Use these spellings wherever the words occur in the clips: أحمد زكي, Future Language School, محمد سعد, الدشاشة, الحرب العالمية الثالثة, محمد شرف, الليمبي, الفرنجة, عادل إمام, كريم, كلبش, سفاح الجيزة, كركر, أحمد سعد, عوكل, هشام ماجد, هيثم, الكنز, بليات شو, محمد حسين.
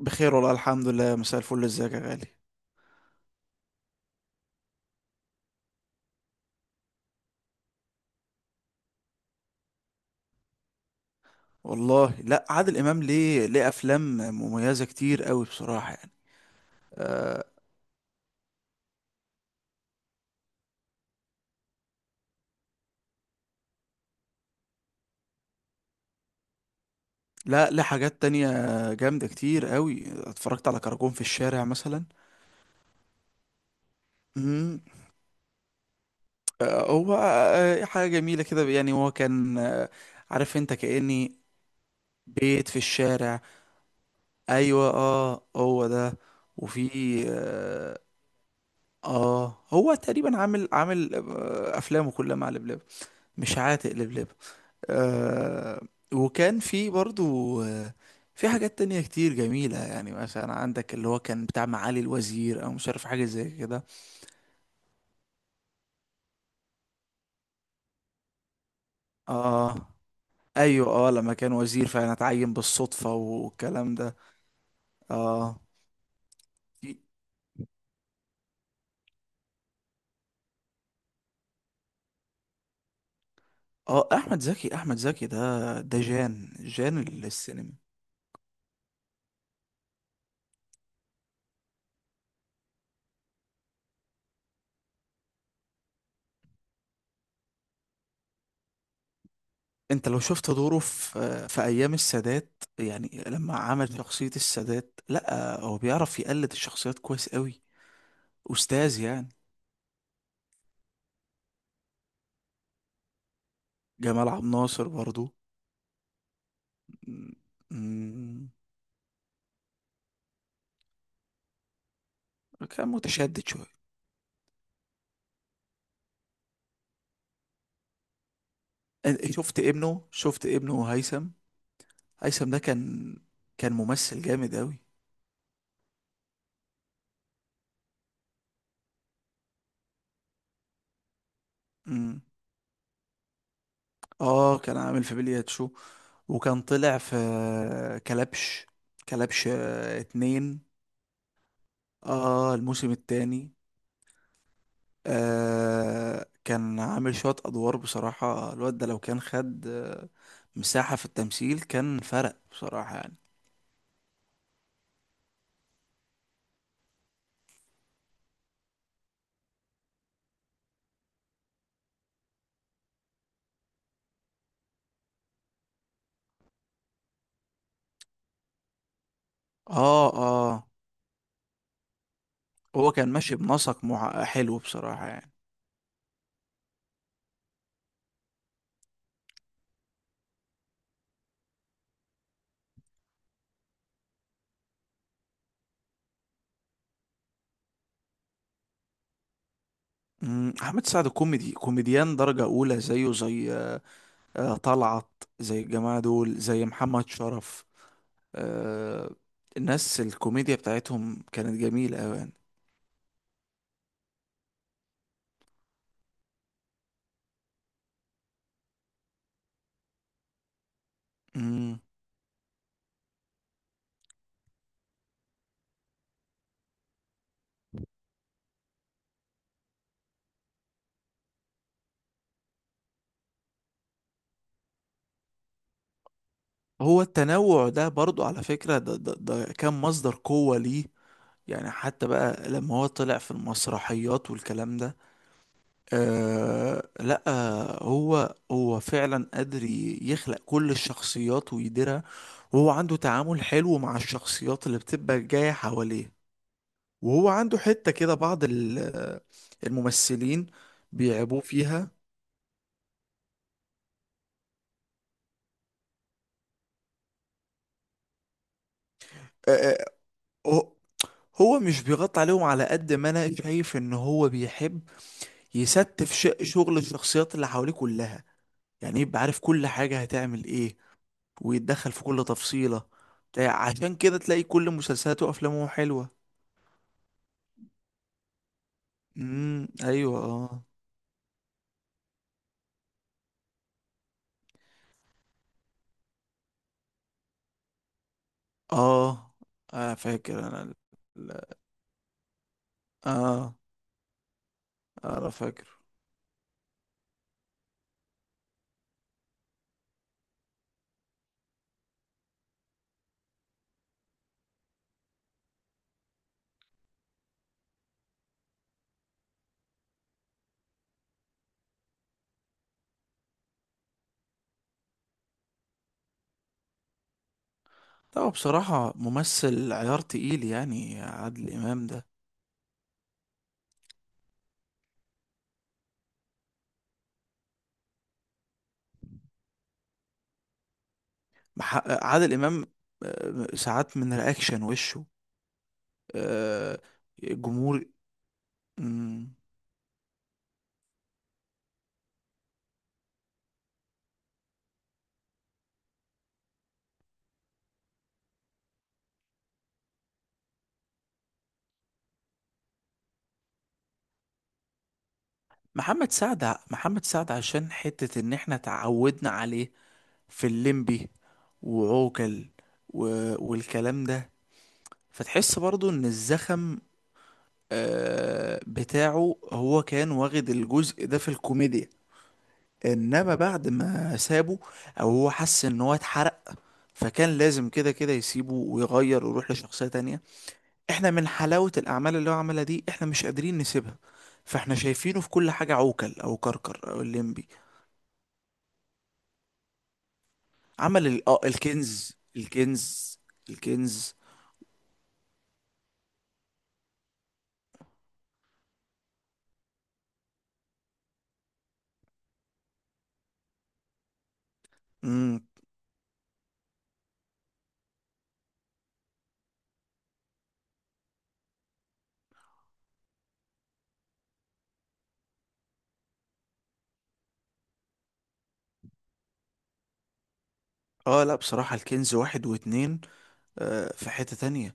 بخير والله الحمد لله، مساء الفل، ازيك يا غالي؟ والله، لا، عادل امام ليه افلام مميزه كتير قوي بصراحه يعني. آه لا، ليه حاجات تانية جامده كتير قوي. اتفرجت على كراكون في الشارع مثلا. امم هو حاجه جميله كده يعني. هو كان، عارف انت، كاني بيت في الشارع. ايوه، هو ده. وفي اه هو تقريبا عامل افلامه كلها مع لبلب. مش عاتق لبلب. آه وكان في برضو آه في حاجات تانية كتير جميلة يعني، مثلا عندك اللي هو كان بتاع معالي الوزير او مش عارف حاجة زي كده. اه ايوه، لما كان وزير فعلا اتعين بالصدفة والكلام ده. اه في- اه احمد زكي ده جان السينما. انت لو شفت دوره في ايام السادات، يعني لما عمل شخصية السادات. لا، هو بيعرف يقلد الشخصيات كويس قوي. استاذ يعني، جمال عبد الناصر برضو. مم، كان متشدد شوية. أنا شفت ابنه هيثم. هيثم ده كان ممثل جامد أوي. مم. اه كان عامل في بليات شو، وكان طلع في كلبش. كلبش، اتنين. اه الموسم التاني. كان عامل شوية أدوار بصراحة. الواد ده لو كان خد مساحة في التمثيل، كان فرق بصراحة يعني. اه اه هو كان ماشي بنسق مع، حلو بصراحة يعني. احمد سعد كوميدي، كوميديان درجة اولى، زيه زي، طلعت، زي الجماعة دول، زي محمد شرف. آه، الناس الكوميديا بتاعتهم كانت جميلة اوي يعني. مم. هو التنوع ده برضو على فكرة ده كان مصدر قوة ليه. يعني حتى بقى لما هو طلع في المسرحيات والكلام ده. لا، هو فعلا قادر يخلق كل الشخصيات ويديرها. وهو عنده تعامل حلو مع الشخصيات اللي بتبقى جاية حواليه. وهو عنده حتة كده بعض الممثلين بيعيبوه فيها. آه آه، هو هو مش بيغطي عليهم، على قد ما انا شايف ان هو بيحب يستف شغل الشخصيات اللي حواليه كلها. يعني يبقى عارف كل حاجة هتعمل ايه، ويتدخل في كل تفصيلة. عشان كده تلاقي كل مسلسلاته وافلامه حلوة. ايوه، اه. اه اه فاكر انا ال- اه انا فاكر. لا، هو بصراحة ممثل عيار تقيل يعني، عادل امام ده. محقق عادل امام، ساعات من رياكشن وشه. آه جمهور. مم. محمد سعد عشان حتة ان احنا تعودنا عليه، في الليمبي وعوكل و... والكلام ده. فتحس برضو ان الزخم بتاعه هو كان واخد الجزء ده في الكوميديا. انما بعد ما سابه، او هو حس ان هو اتحرق. فكان لازم كده كده يسيبه ويغير ويروح لشخصية تانية. احنا من حلاوة الاعمال اللي هو عملها دي، احنا مش قادرين نسيبها. فاحنا شايفينه في كل حاجة، عوكل او كركر او الليمبي. عمل ال... آه، الكنز. مم، اه لا، بصراحة الكنز واحد واتنين، في حتة تانية.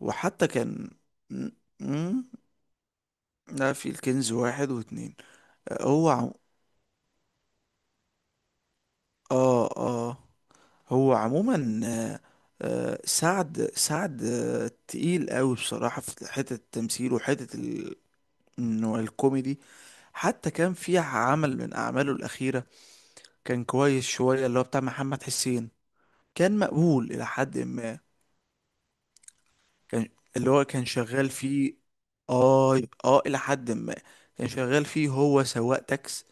وحتى كان م- م- لا، في الكنز واحد واتنين. آه هو عم... اه اه هو عموما. آه سعد تقيل قوي بصراحة في حتة التمثيل، وحتة ال انه الكوميدي. حتى كان في عمل من اعماله الاخيرة، كان كويس شوية، اللي هو بتاع محمد حسين. كان مقبول الى حد ما. كان اللي هو كان شغال فيه. اه، اه، الى حد ما. كان شغال فيه هو سواق تاكس.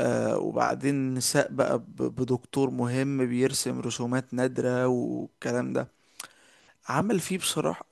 وبعدين ساق بقى بدكتور مهم بيرسم رسومات نادرة والكلام ده. عمل فيه بصراحة.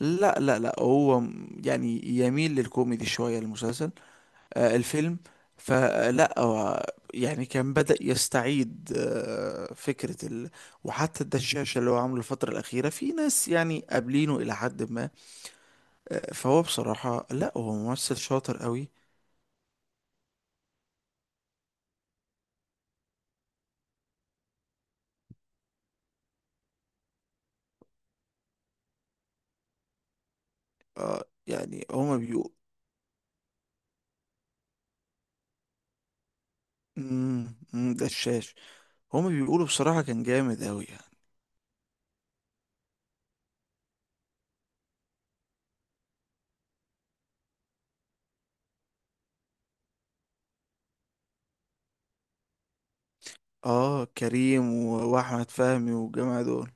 لا، لا، لا، هو يعني يميل للكوميدي شوية المسلسل. الفيلم. فلا، هو يعني كان بدأ يستعيد فكرة ال. وحتى الدشاشة اللي هو عامله الفترة الأخيرة، في ناس يعني قابلينه إلى حد ما. فهو بصراحة، لا هو ممثل شاطر قوي. يعني هما بيقولوا، دشاش. هما بيقولوا بصراحة كان جامد قوي يعني. اه كريم واحمد فهمي والجماعة دول.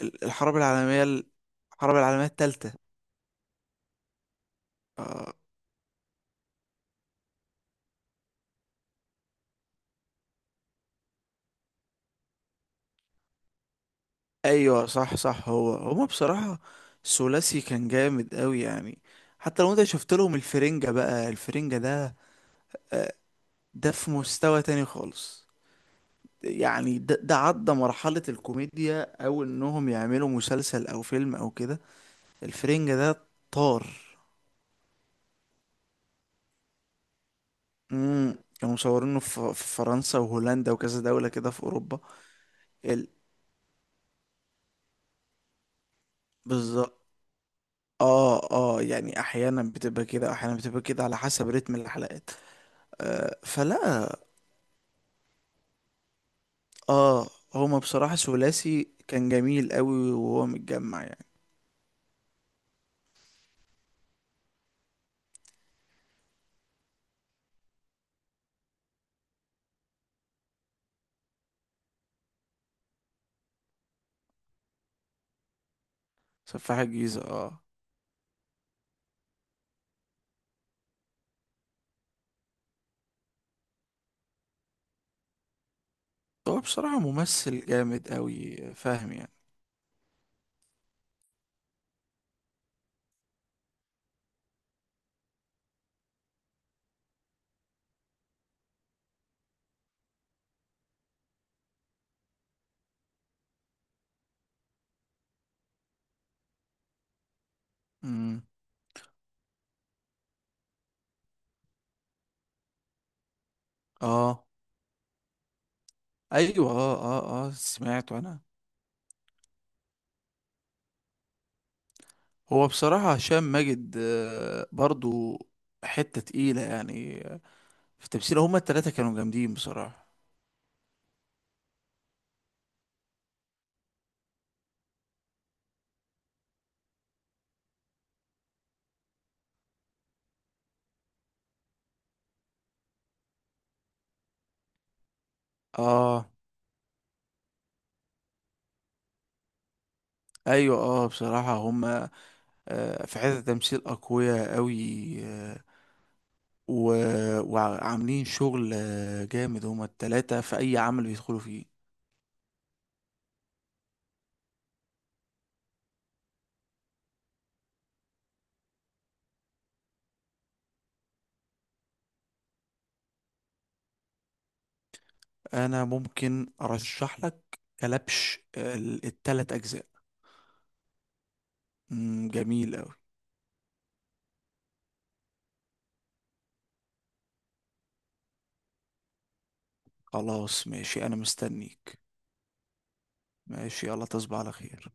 ال- الحرب العالمية ال- الحرب العالمية التالتة. آه ايوه، صح، صح، هو هما بصراحة ثلاثي كان جامد قوي يعني. حتى لو انت شفت لهم الفرنجة، بقى الفرنجة ده، ده في مستوى تاني خالص. يعني ده عدى مرحلة الكوميديا، او انهم يعملوا مسلسل او فيلم او كده. الفرنجة ده طار. كانوا مصورينه في فرنسا وهولندا وكذا دولة كده في اوروبا. ال... بالظبط. اه يعني احيانا بتبقى كده، احيانا بتبقى كده، على حسب رتم الحلقات. فلا، اه هما بصراحة ثلاثي كان جميل قوي وهو متجمع يعني. سفاح الجيزة. اه. هو بصراحة ممثل جامد قوي، فاهم يعني. امم اه، ايوه، اه، اه، اه، سمعته انا. هو بصراحة هشام ماجد، برضو، حتة تقيلة يعني، في تمثيله، هما التلاتة كانوا جامدين بصراحة. اه ايوه، بصراحة هما في حتة تمثيل اقوياء قوي، و... وعاملين شغل جامد، هما التلاتة في اي عمل بيدخلوا فيه. انا ممكن ارشح لك كلبش، التلات اجزاء. جميل قوي. خلاص، ماشي، انا مستنيك. ماشي، يلا، تصبح على خير.